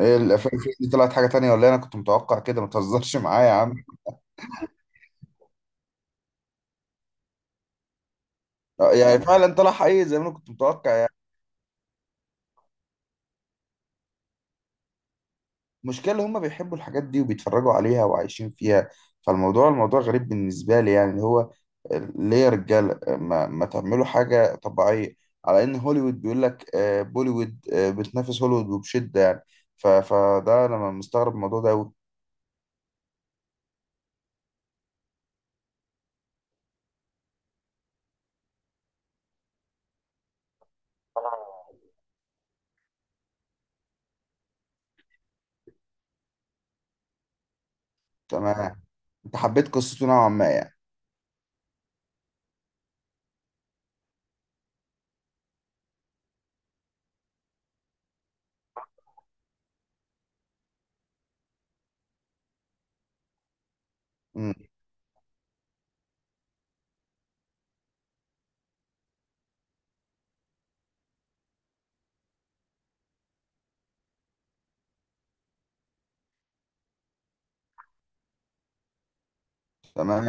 ايه الافلام فيه دي طلعت حاجه تانية ولا إيه؟ انا كنت متوقع كده ما تهزرش معايا يا عم. آه، يعني فعلا طلع حقيقي زي ما انا كنت متوقع يعني. المشكله اللي هم بيحبوا الحاجات دي وبيتفرجوا عليها وعايشين فيها. فالموضوع الموضوع غريب بالنسبه لي، يعني اللي هو ليه يا رجاله ما تعملوا حاجه طبيعيه؟ على ان هوليوود بيقول لك بوليوود بتنافس هوليوود وبشده يعني. فده انا مستغرب الموضوع ده أوي. تمام. انت حبيت قصته نوعا ما يعني؟ امم. تمام.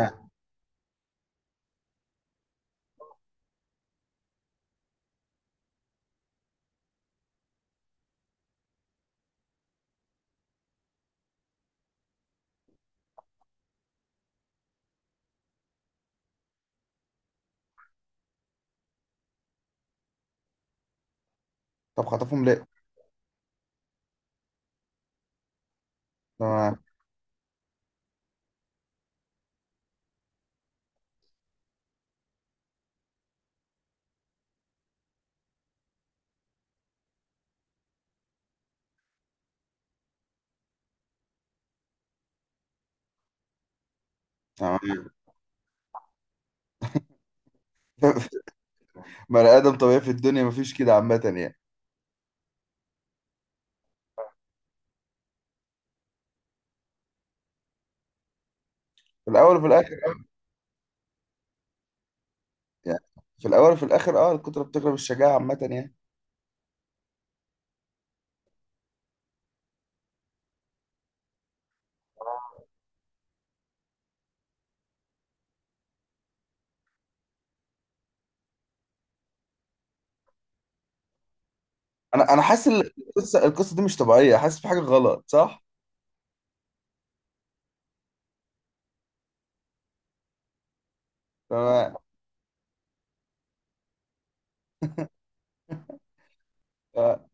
طب خطفهم ليه؟ تمام. تمام. بني ادم طبيعي في الدنيا مفيش كده عامه يعني. في الاول وفي الاخر. يعني في الاول وفي الاخر اه الكتره بتغلب الشجاعه عامه يعني. انا حاسس إن القصه دي مش طبيعيه، حاسس في حاجه غلط، صح؟ تمام. آه.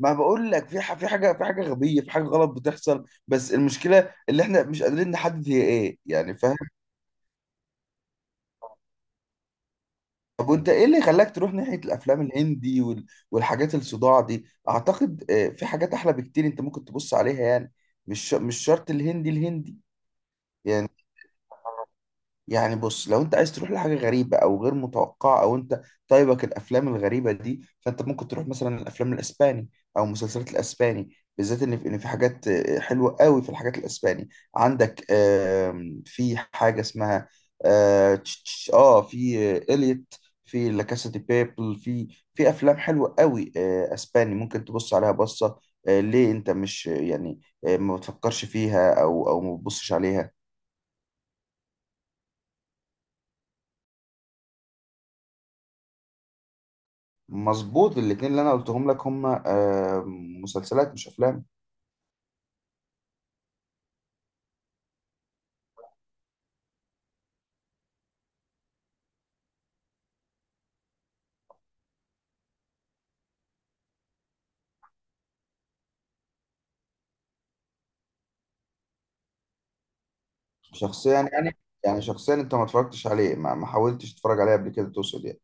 ما بقول لك في حاجه غبيه في حاجه غلط بتحصل بس المشكله اللي احنا مش قادرين نحدد هي ايه يعني، فاهم؟ طب وانت ايه اللي خلاك تروح ناحيه الافلام الهندي والحاجات الصداع دي؟ اعتقد في حاجات احلى بكتير انت ممكن تبص عليها يعني. مش شرط الهندي. يعني يعني بص، لو انت عايز تروح لحاجه غريبه او غير متوقعه او انت طيبك الافلام الغريبه دي، فانت ممكن تروح مثلا الافلام الاسباني او مسلسلات الاسباني. بالذات ان في حاجات حلوه قوي في الحاجات الاسباني. عندك في حاجه اسمها في اليت، في لا كاسا دي بيبل. في افلام حلوه قوي اسباني ممكن تبص عليها بصه. ليه انت مش ما بتفكرش فيها او ما بتبصش عليها؟ مظبوط. الاتنين اللي انا قلتهم لك هم مسلسلات مش افلام. شخصيا يعني. يعني شخصيا انت ما اتفرجتش عليه، ما حاولتش تتفرج عليه قبل كده تقصد يعني؟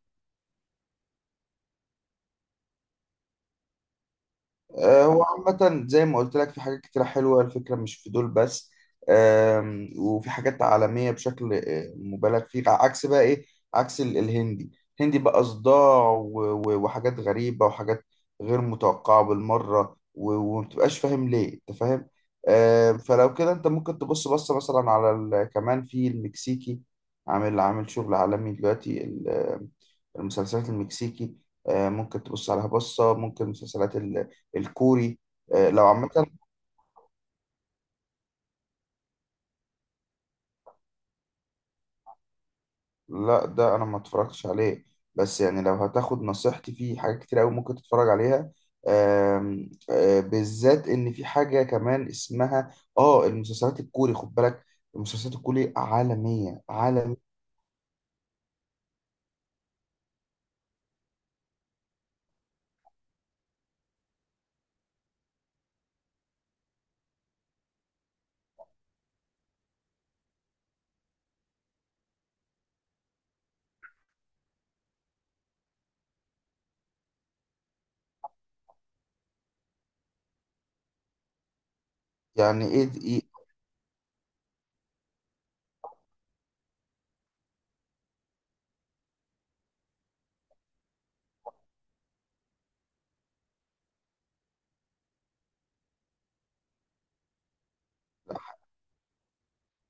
آه، هو عامة زي ما قلت لك في حاجات كتيرة حلوة، الفكرة مش في دول بس. وفي حاجات عالمية بشكل مبالغ فيه، عكس بقى إيه، عكس الهندي. الهندي بقى صداع وحاجات غريبة وحاجات غير متوقعة بالمرة ومتبقاش فاهم ليه، أنت فاهم. فلو كده أنت ممكن تبص بصة مثلا على كمان في المكسيكي. عامل شغل عالمي دلوقتي المسلسلات المكسيكي ممكن تبص عليها بصة. ممكن مسلسلات الكوري لو عامة. لا ده أنا ما اتفرجتش عليه بس يعني لو هتاخد نصيحتي في حاجات كتير أوي ممكن تتفرج عليها. آم، آه، بالذات إن في حاجة كمان اسمها آه المسلسلات الكوري، خد بالك. المسلسلات الكوري عالمية عالمية. يعني إيه دي؟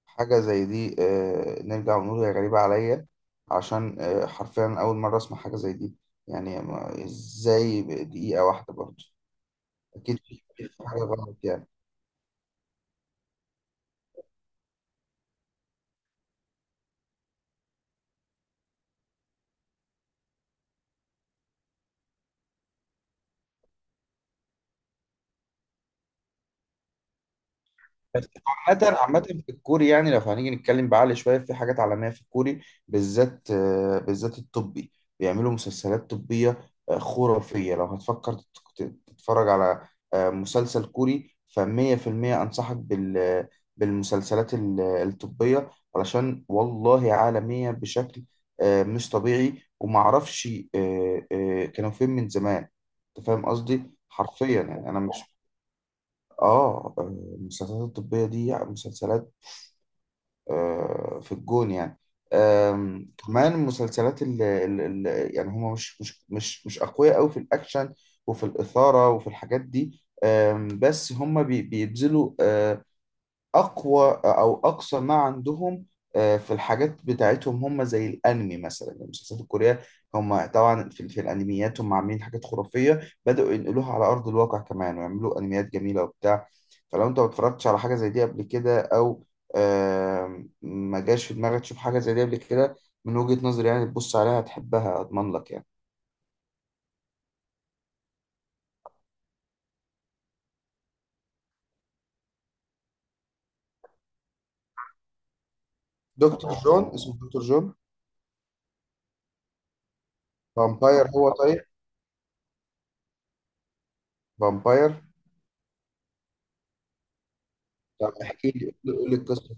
حاجة زي دي نرجع ونقول هي غريبة عليا، عشان حرفيا أول مرة أسمع حاجة زي دي. يعني إزاي دقيقة واحدة برضه؟ أكيد في حاجة غلط يعني. بس عامة في الكوري، يعني لو هنيجي نتكلم بعقل شوية في حاجات عالمية في الكوري، بالذات بالذات الطبي. بيعملوا مسلسلات طبية خرافية. لو هتفكر تتفرج على مسلسل كوري، فمية في المية أنصحك بالمسلسلات الطبية. علشان والله عالمية بشكل مش طبيعي ومعرفش كانوا فين من زمان. أنت فاهم قصدي؟ حرفيا يعني أنا مش. اه. آه، المسلسلات الطبية دي يعني مسلسلات في الجون يعني. كمان المسلسلات اللي يعني هما مش أقوياء أوي في الأكشن وفي الإثارة وفي الحاجات دي. بس هما بيبذلوا اقوى او اقصى ما عندهم في الحاجات بتاعتهم. هم زي الانمي مثلا المسلسلات الكوريه. هم طبعا في الانميات هم عاملين حاجات خرافيه بداوا ينقلوها على ارض الواقع، كمان ويعملوا انميات جميله وبتاع. فلو انت ما اتفرجتش على حاجه زي دي قبل كده، او ما جاش في دماغك تشوف حاجه زي دي قبل كده، من وجهه نظري يعني تبص عليها هتحبها، اضمن لك يعني. دكتور جون، اسمه دكتور جون. فامباير هو طيب. فامباير. طب احكي لي، قول لي قول لي القصه.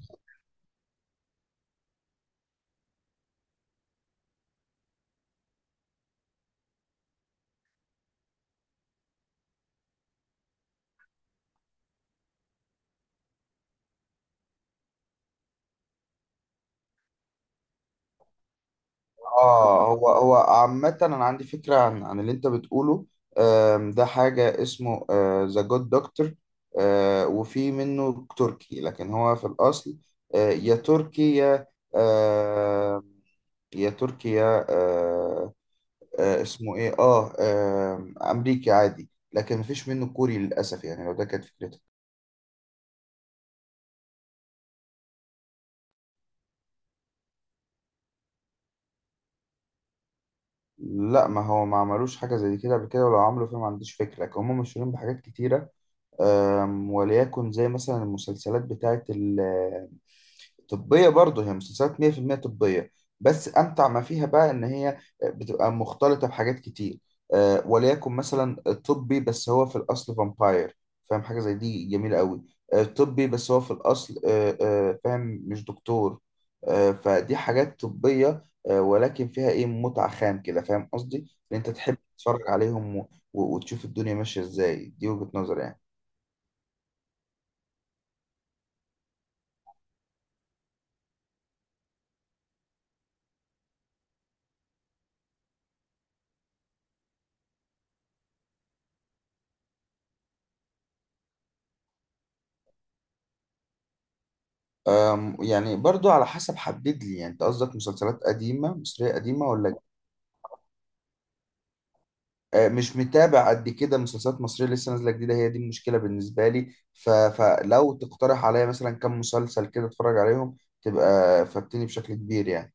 اه، هو عامة انا عندي فكرة عن اللي انت بتقوله. ده حاجة اسمه ذا جود دكتور. وفي منه تركي لكن هو في الاصل آه، يا تركي يا آه، يا تركي يا اسمه ايه امريكي عادي، لكن مفيش منه كوري للاسف يعني، لو ده كانت فكرتك. لا، ما هو ما عملوش حاجة زي كده قبل كده، ولو عملوا فيه ما عنديش فكرة، لكن هم مشهورين بحاجات كتيرة. وليكن زي مثلا المسلسلات بتاعت طبية، برضه هي مسلسلات 100% طبية. بس أمتع ما فيها بقى إن هي بتبقى مختلطة بحاجات كتير. وليكن مثلا طبي بس هو في الأصل فامباير، فاهم؟ حاجة زي دي جميلة قوي. طبي بس هو في الأصل فاهم مش دكتور. فدي حاجات طبية ولكن فيها إيه متعة خام كده، فاهم قصدي؟ إن أنت تحب تتفرج عليهم وتشوف الدنيا ماشية إزاي، دي وجهة نظري يعني. يعني برضو على حسب، حدد لي يعني انت قصدك مسلسلات قديمة، مصرية قديمة ولا أه، مش متابع قد كده مسلسلات مصرية لسه نازلة جديدة، هي دي المشكلة بالنسبة لي، فلو تقترح عليا مثلا كم مسلسل كده اتفرج عليهم تبقى فاتني بشكل كبير يعني.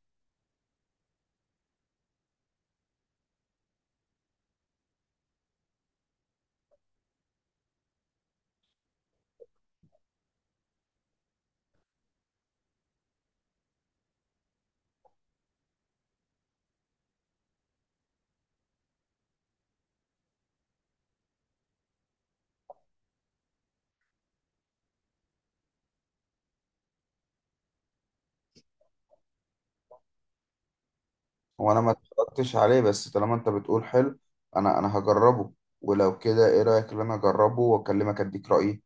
وانا ما اتفرجتش عليه، بس طالما انت بتقول حلو انا هجربه. ولو كده ايه رأيك ان انا اجربه واكلمك اديك رأيي؟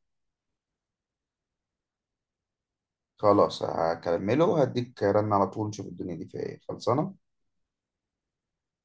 خلاص هكمله وهديك رن على طول نشوف الدنيا دي فيها ايه خلصانة.